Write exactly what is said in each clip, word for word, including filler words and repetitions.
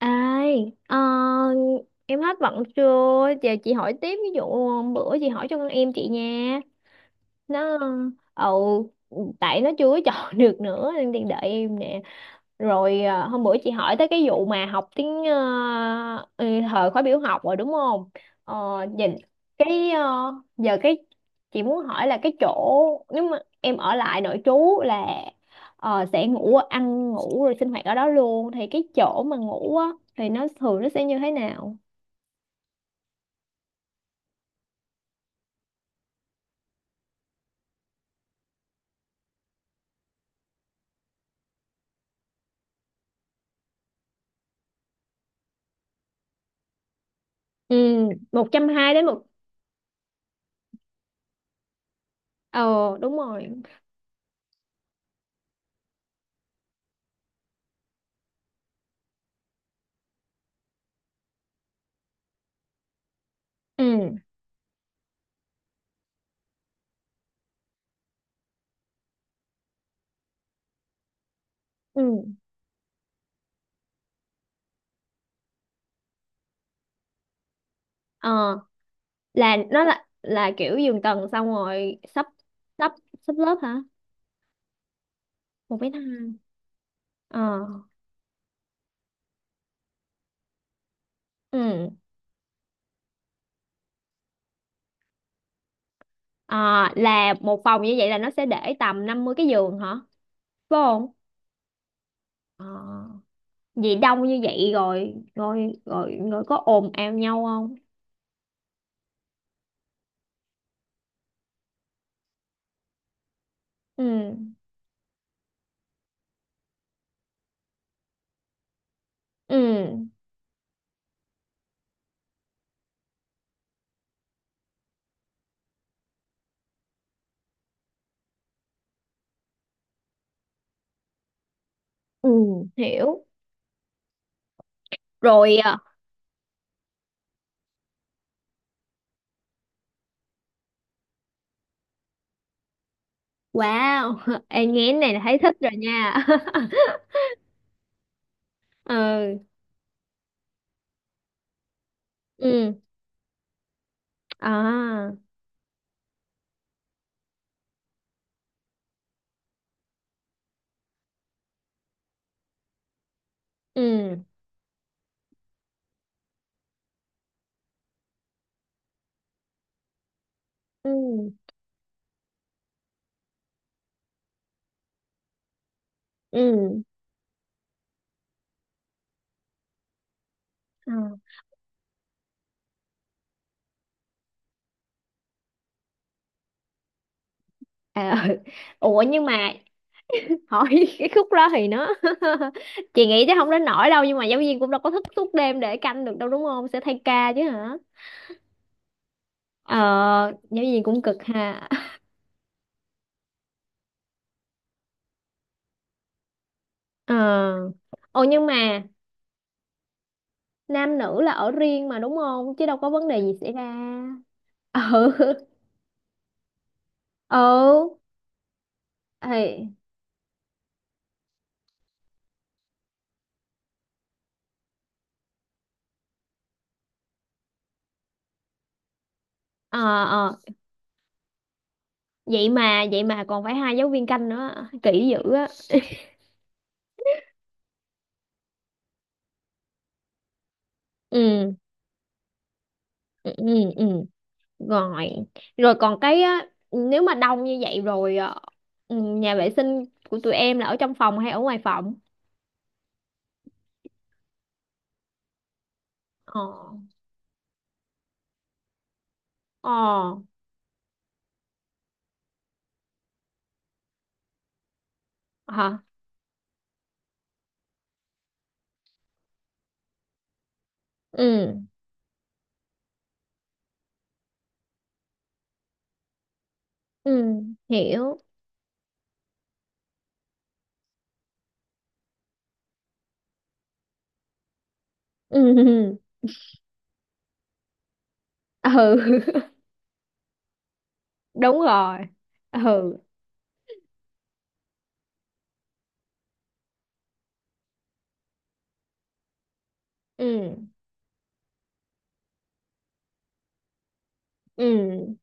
Ai, ờ, em hết bận chưa? Giờ chị hỏi tiếp, ví dụ ờ, bữa chị hỏi cho con em chị nha. Nó ờ, ừ, tại nó chưa có chọn được nữa nên đi đợi em nè. Rồi à, hôm bữa chị hỏi tới cái vụ mà học tiếng ờ, ừ, thời khóa biểu học rồi đúng không? Ờ, nhìn cái ờ, giờ cái chị muốn hỏi là cái chỗ nếu mà em ở lại nội trú là ờ, sẽ ngủ, ăn ngủ rồi sinh hoạt ở đó luôn thì cái chỗ mà ngủ á thì nó thường nó sẽ như thế nào? Ừ. Một trăm hai đến một. Ờ, đúng rồi. Ừ. Ừ. Ờ, là nó là là kiểu giường tầng, xong rồi sắp sắp sắp lớp hả? Một mét hai. Ờ. Ừ. Ờ, là một phòng như vậy là nó sẽ để tầm năm mươi cái giường hả, phải không? Ờ. Vì đông như vậy rồi rồi rồi rồi có ồn ào nhau không? Ừ. Ừ. Ừ, hiểu. Rồi à. Wow, em nghe cái này là thấy thích rồi nha. Ừ. Ừ. À. Ừ. Ừ. Ừ. Ừ. Ờ. À, ừ. Ủa, nhưng mà hỏi cái khúc đó thì nó, chị nghĩ chắc không đến nỗi đâu, nhưng mà giáo viên cũng đâu có thức suốt đêm để canh được đâu, đúng không? Sẽ thay ca chứ hả? Ờ, giáo viên cũng cực ha. Ờ. Ồ, nhưng mà nam nữ là ở riêng mà, đúng không? Chứ đâu có vấn đề gì xảy ra. Ừ. Ừ. Thì. Ờ. Ờ. Vậy mà vậy mà còn phải hai giáo viên canh nữa, kỹ dữ á. Ừ, ừ, ừ, ừ. Rồi. Rồi còn cái á, nếu mà đông như vậy rồi ờ, ừ, nhà vệ sinh của tụi em là ở trong phòng hay ở ngoài phòng? Ờ. Ờ. Hả? Ừ. Ừ, hiểu. Ừ, ừ. Ừ. Đúng rồi. Ừ. Ừ. Ừ.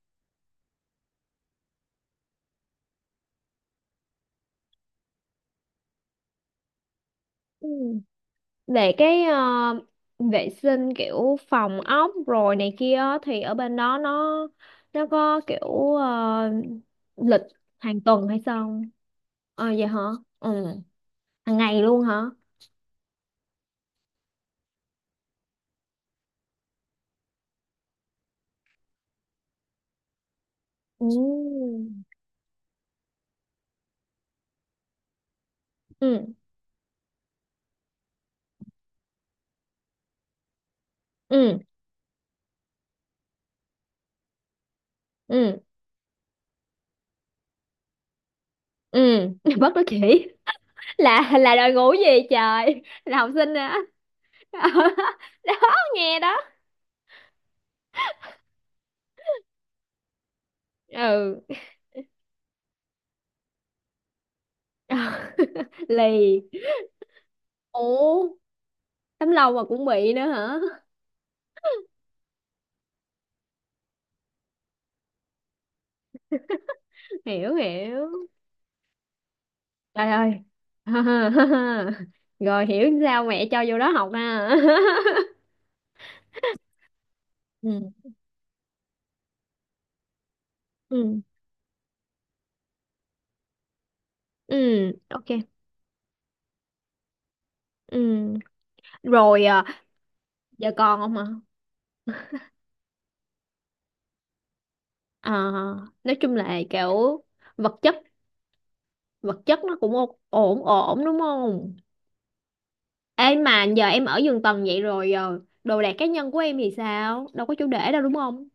Ừ. Về cái ờ, vệ sinh kiểu phòng ốc rồi này kia á, thì ở bên đó nó nó có kiểu ờ, lịch hàng tuần hay sao không? Ờ, vậy hả? Ừ. Hàng ngày luôn hả? Ừ. Ừ. Ừ. Ừ. Ừ. Bất đắc kỹ. là là đòi ngủ gì trời, là học sinh hả? Đó, nghe đó. Ừ. Lì. Ủa, tấm lòng mà cũng bị nữa hả? Hiểu, hiểu. Trời ơi. Rồi hiểu sao mẹ cho vô đó học ha. Ừ. Ừ. Ừ. Ok. Ừ. Rồi à, giờ còn không ạ? Ờ, nói chung là kiểu vật chất, vật chất nó cũng ô- ổn ổn, đúng không? Ê, mà giờ em ở giường tầng vậy rồi ờ, đồ đạc cá nhân của em thì sao? Đâu có chỗ để đâu, đúng không?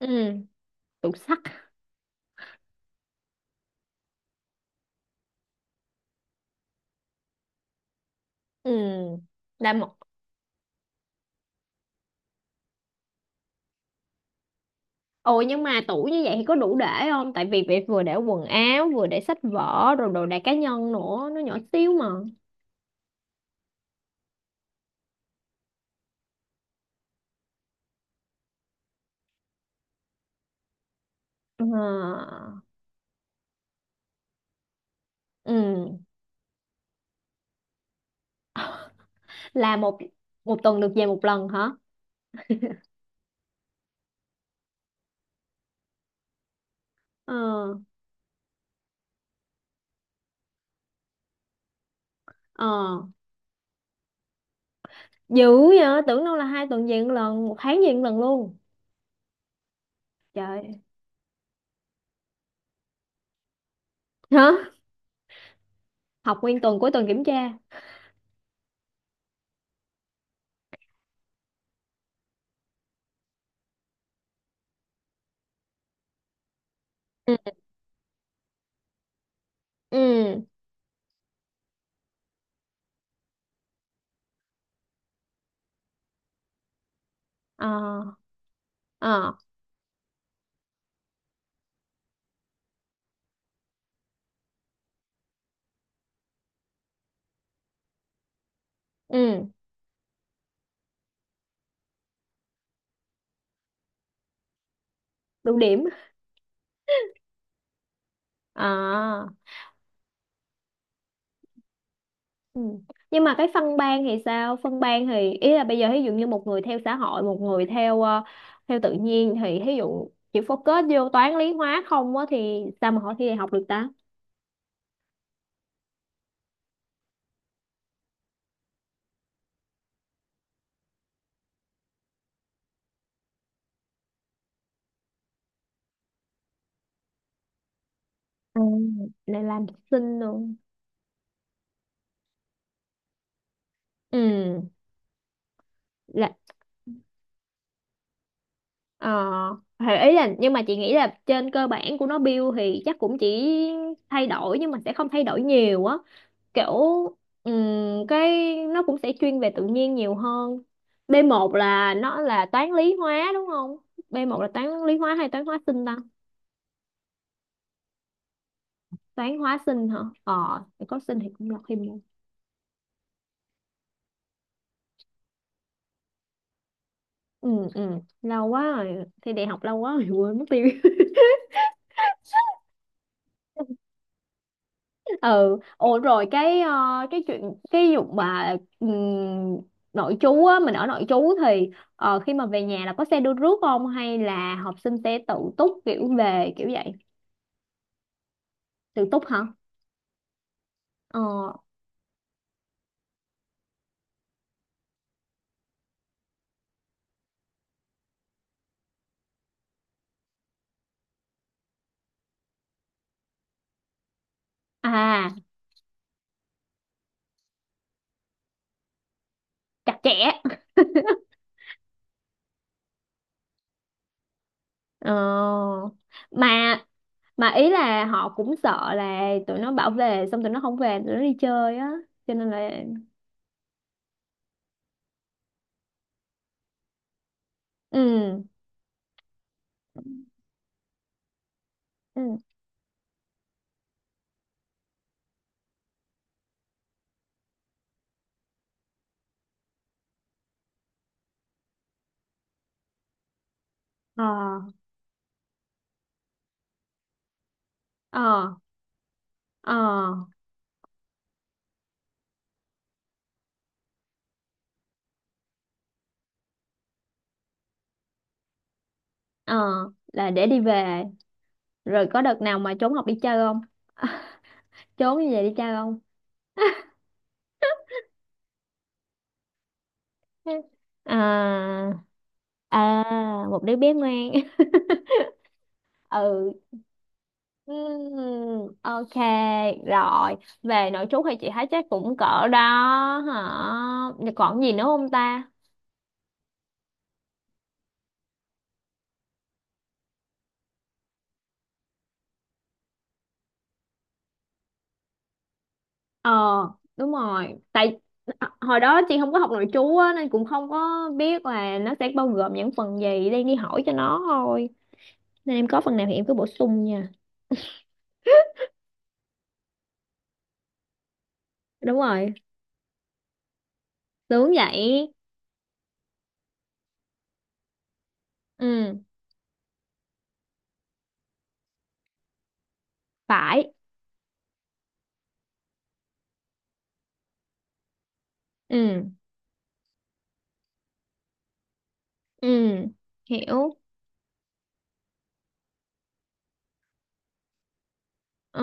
Ừ. Tủ sắt. Ừ, là một. Ồ, nhưng mà tủ như vậy thì có đủ để không? Tại vì việc vừa để quần áo, vừa để sách vở rồi đồ đạc cá nhân nữa, nó nhỏ xíu mà. Ờ. Ừ, là một. Một tuần được về một lần hả? Ờ. Ờ, dữ vậy, tưởng đâu là hai tuần về một lần, một tháng về một lần luôn. Trời, hả? Học nguyên tuần, cuối tuần kiểm tra. Ừ. Ừ. Ờ. Ờ. Ừ. Đủ điểm. À. Ừ. Nhưng mà cái phân ban thì sao? Phân ban thì ý là bây giờ ví dụ như một người theo xã hội, một người theo ờ, theo tự nhiên thì ví dụ chỉ focus vô toán lý hóa không á thì sao mà họ thi đại học được ta? Ừ, lại làm sinh luôn. Ừ. Ờ, thì ý là nhưng mà chị nghĩ là trên cơ bản của nó build thì chắc cũng chỉ thay đổi nhưng mà sẽ không thay đổi nhiều á, kiểu ừm, cái nó cũng sẽ chuyên về tự nhiên nhiều hơn. B một là nó là toán lý hóa, đúng không? B một là toán lý hóa hay toán hóa sinh ta? Toán hóa sinh hả? Ờ, có sinh thì cũng lọt thêm. Ừ. Ừ. Lâu quá rồi, thi đại học lâu quá rồi, quên mất tiêu. Ừ. Ủa rồi cái ờ, cái chuyện cái vụ mà ừm, nội trú á, mình ở nội trú thì ờ, khi mà về nhà là có xe đưa rước không hay là học sinh sẽ tự túc, kiểu về kiểu vậy? Tự túc hả? Ờ. À. Chặt chẽ. Ờ, mà mà ý là họ cũng sợ là tụi nó bảo về xong tụi nó không về, tụi nó đi chơi á, cho nên là. Ừ. Ừ. Ờ. Ờ. Ờ. Ờ, là để đi về. Rồi có đợt nào mà trốn học đi chơi không? Trốn như vậy đi chơi không? À. À, một đứa bé ngoan. Ừ. Ừm, ok, rồi. Về nội trú thì chị thấy chắc cũng cỡ đó hả? Còn gì nữa không ta? Ờ, đúng rồi. Tại hồi đó chị không có học nội trú á, nên cũng không có biết là nó sẽ bao gồm những phần gì. Đang đi hỏi cho nó thôi. Nên em có phần nào thì em cứ bổ sung nha. Đúng rồi, sướng vậy. Ừ, phải. Ừ. Ừ, hiểu. Ờ.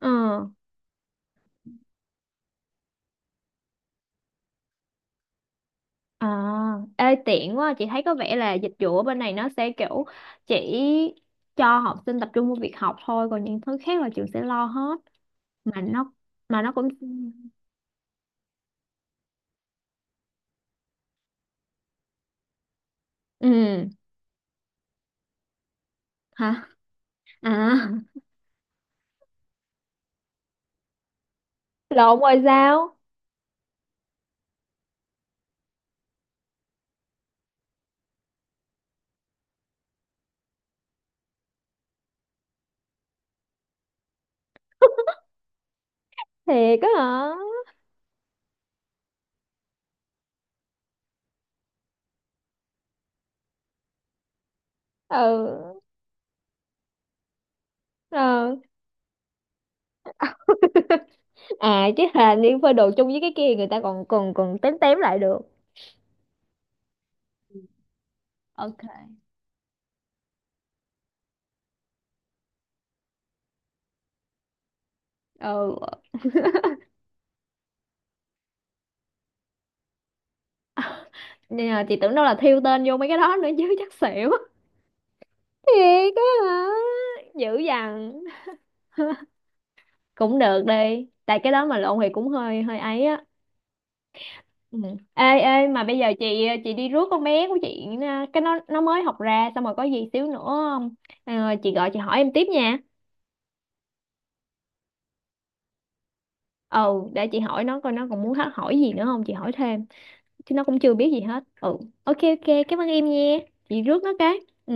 Ờ. À. Ê, tiện quá, chị thấy có vẻ là dịch vụ ở bên này nó sẽ kiểu chỉ cho học sinh tập trung vào việc học thôi, còn những thứ khác là trường sẽ lo hết. Mà nó mà nó cũng. Ừ. Hả? À, lộn rồi sao? Thiệt á hả? Ừ. Ừ. À, chứ là đi phơi đồ chung với cái kia, người ta còn còn còn tém tém lại được. Ok. Ừ. Nên là chị tưởng đâu là thiêu tên vô mấy cái đó nữa chứ chắc xỉu. Thiệt á hả? Dữ dằn. Cũng được đi tại cái đó mà lộn thì cũng hơi hơi ấy á. Ừ. Ê ê mà bây giờ chị chị đi rước con bé của chị nha. Cái nó nó mới học ra xong rồi có gì xíu nữa. Ờ, chị gọi chị hỏi em tiếp nha. Ừ, để chị hỏi nó coi nó còn muốn hát- hỏi gì nữa không, chị hỏi thêm, chứ nó cũng chưa biết gì hết. Ừ. Ok. Ok, cảm ơn em nha, chị rước nó cái. Ừ.